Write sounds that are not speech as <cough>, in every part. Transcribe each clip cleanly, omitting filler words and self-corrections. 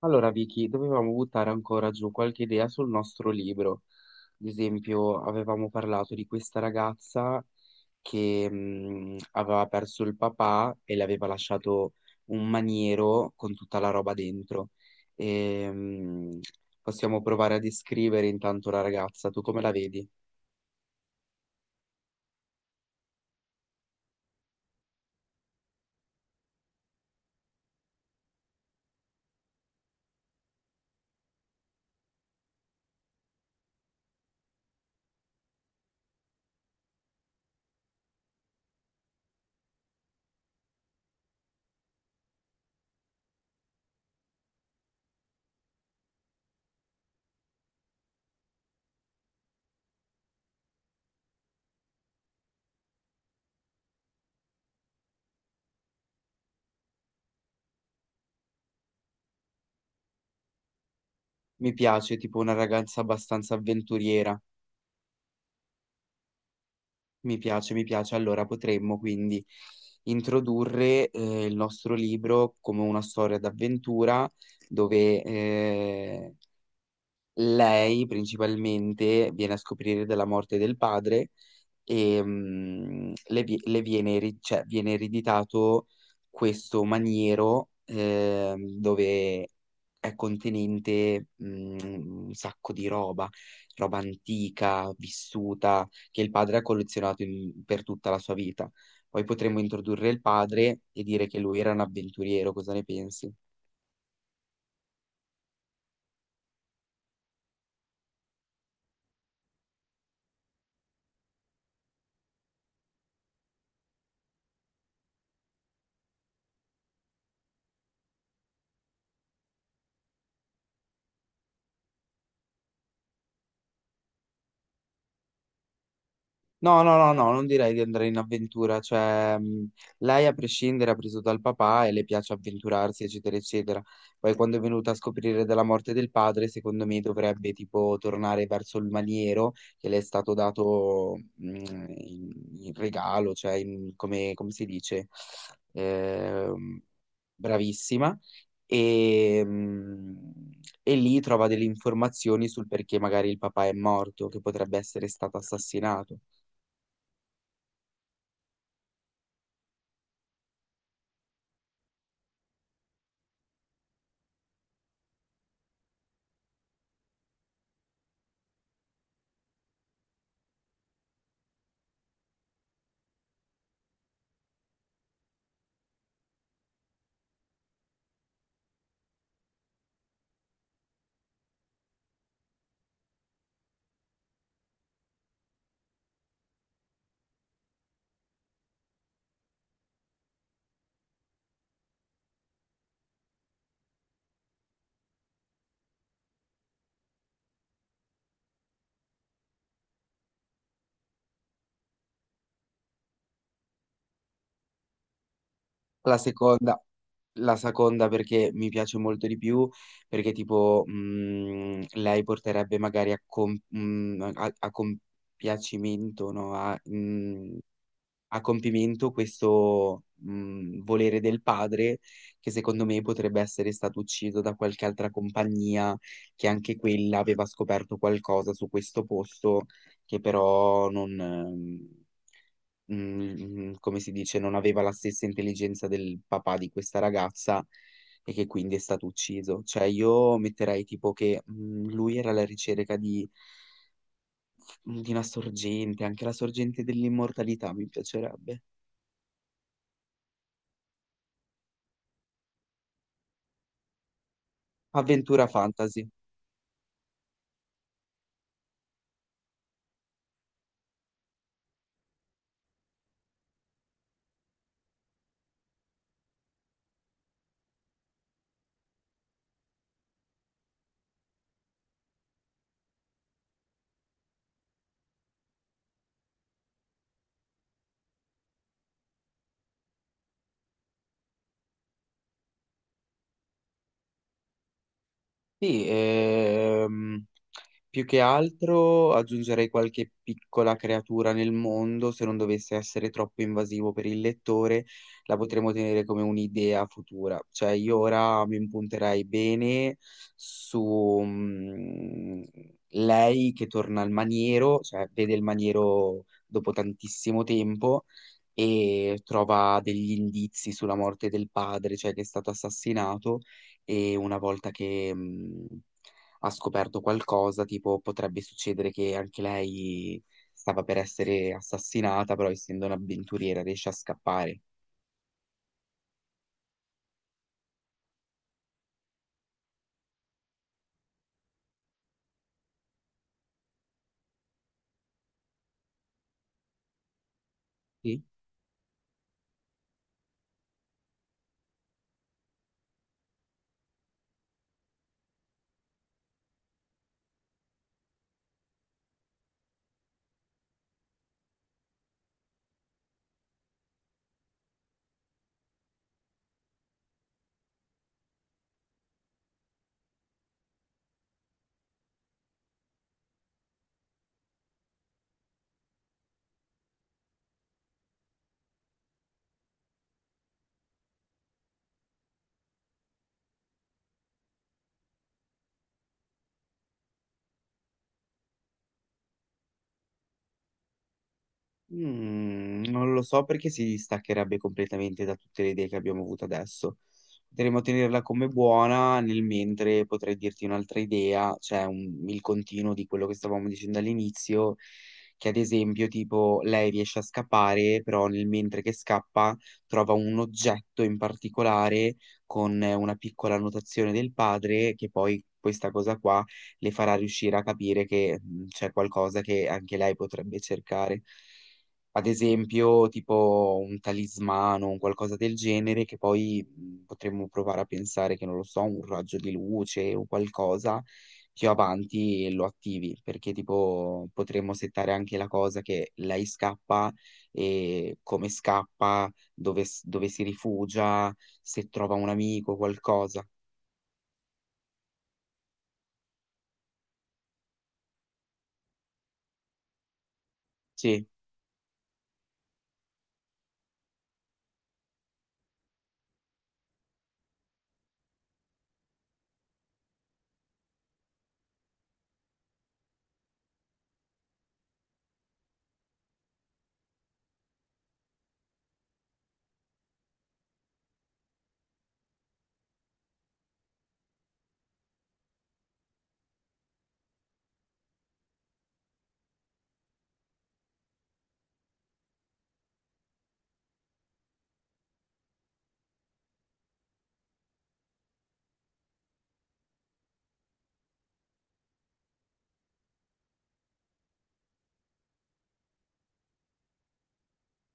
Allora, Vicky, dovevamo buttare ancora giù qualche idea sul nostro libro. Ad esempio, avevamo parlato di questa ragazza che aveva perso il papà e le aveva lasciato un maniero con tutta la roba dentro. E, mh, Possiamo provare a descrivere intanto la ragazza. Tu come la vedi? Mi piace, tipo una ragazza abbastanza avventuriera. Mi piace, mi piace. Allora potremmo quindi introdurre il nostro libro come una storia d'avventura dove lei principalmente viene a scoprire della morte del padre e le, vi- le viene, eri- cioè, viene ereditato questo maniero dove è contenente un sacco di roba, roba antica, vissuta, che il padre ha collezionato per tutta la sua vita. Poi potremmo introdurre il padre e dire che lui era un avventuriero, cosa ne pensi? No, no, no, no, non direi di andare in avventura, lei a prescindere ha preso dal papà e le piace avventurarsi, eccetera, eccetera. Poi quando è venuta a scoprire della morte del padre, secondo me dovrebbe tipo tornare verso il maniero che le è stato dato in, in regalo, come, come si dice, Ehm, bravissima, e, mh, e lì trova delle informazioni sul perché magari il papà è morto, che potrebbe essere stato assassinato. La seconda, la seconda perché mi piace molto di più, perché lei porterebbe magari a compiacimento, no? A compimento questo volere del padre che secondo me potrebbe essere stato ucciso da qualche altra compagnia che anche quella aveva scoperto qualcosa su questo posto che però non mm, come si dice, non aveva la stessa intelligenza del papà di questa ragazza e che quindi è stato ucciso. Cioè, io metterei tipo che lui era alla ricerca di una sorgente, anche la sorgente dell'immortalità mi piacerebbe. Avventura fantasy. Sì, più che altro aggiungerei qualche piccola creatura nel mondo, se non dovesse essere troppo invasivo per il lettore, la potremmo tenere come un'idea futura. Cioè, io ora mi impunterei bene su lei che torna al maniero, cioè vede il maniero dopo tantissimo tempo e trova degli indizi sulla morte del padre, cioè che è stato assassinato e una volta che ha scoperto qualcosa, tipo potrebbe succedere che anche lei stava per essere assassinata, però essendo un'avventuriera riesce a scappare. Sì? Mm, non lo so perché si distaccherebbe completamente da tutte le idee che abbiamo avuto adesso. Potremmo tenerla come buona, nel mentre potrei dirti un'altra idea, il continuo di quello che stavamo dicendo all'inizio, che ad esempio tipo lei riesce a scappare, però nel mentre che scappa trova un oggetto in particolare con una piccola annotazione del padre che poi questa cosa qua le farà riuscire a capire che c'è qualcosa che anche lei potrebbe cercare ad esempio tipo un talismano, un qualcosa del genere, che poi potremmo provare a pensare che, non lo so, un raggio di luce o qualcosa più avanti lo attivi, perché tipo potremmo settare anche la cosa che lei scappa e come scappa, dove si rifugia, se trova un amico, qualcosa. Sì,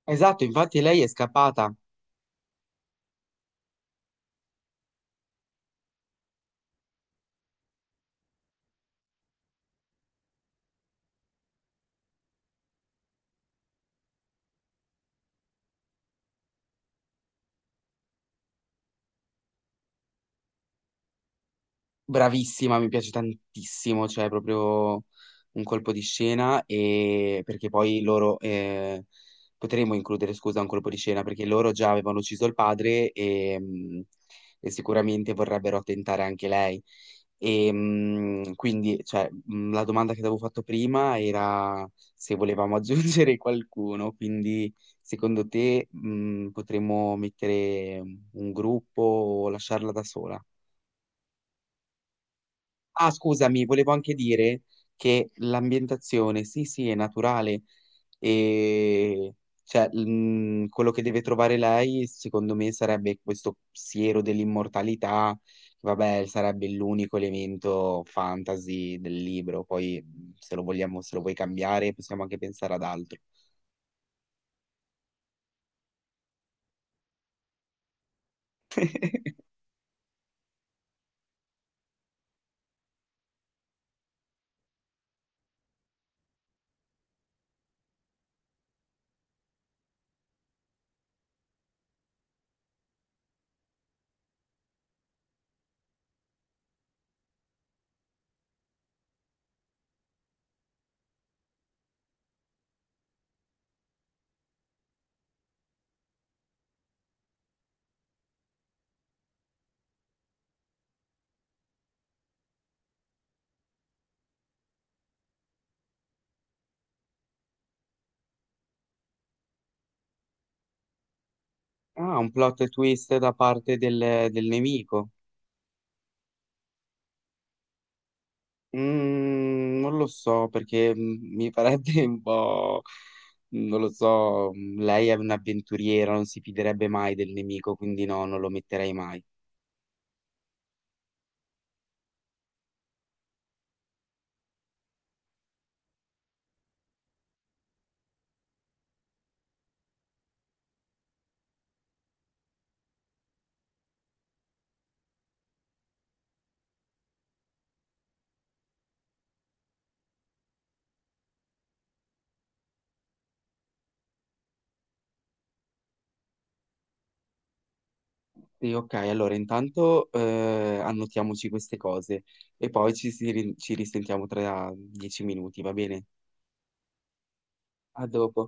esatto, infatti lei è scappata. Bravissima, mi piace tantissimo, cioè è proprio un colpo di scena e perché poi loro potremmo includere, scusa, un colpo di scena perché loro già avevano ucciso il padre e e sicuramente vorrebbero tentare anche lei. E la domanda che ti avevo fatto prima era se volevamo <laughs> aggiungere qualcuno, quindi secondo te potremmo mettere un gruppo o lasciarla da sola? Ah, scusami, volevo anche dire che l'ambientazione, sì, sì, è naturale e quello che deve trovare lei, secondo me, sarebbe questo siero dell'immortalità, che, vabbè, sarebbe l'unico elemento fantasy del libro, poi se lo vogliamo, se lo vuoi cambiare, possiamo anche pensare ad altro. Ah, un plot twist da parte del nemico. Mm, non lo so perché mi farebbe <laughs> un po', non lo so, lei è un'avventuriera, non si fiderebbe mai del nemico, quindi no, non lo metterei mai. Sì, ok, allora intanto annotiamoci queste cose e poi ci risentiamo tra 10 minuti, va bene? A dopo.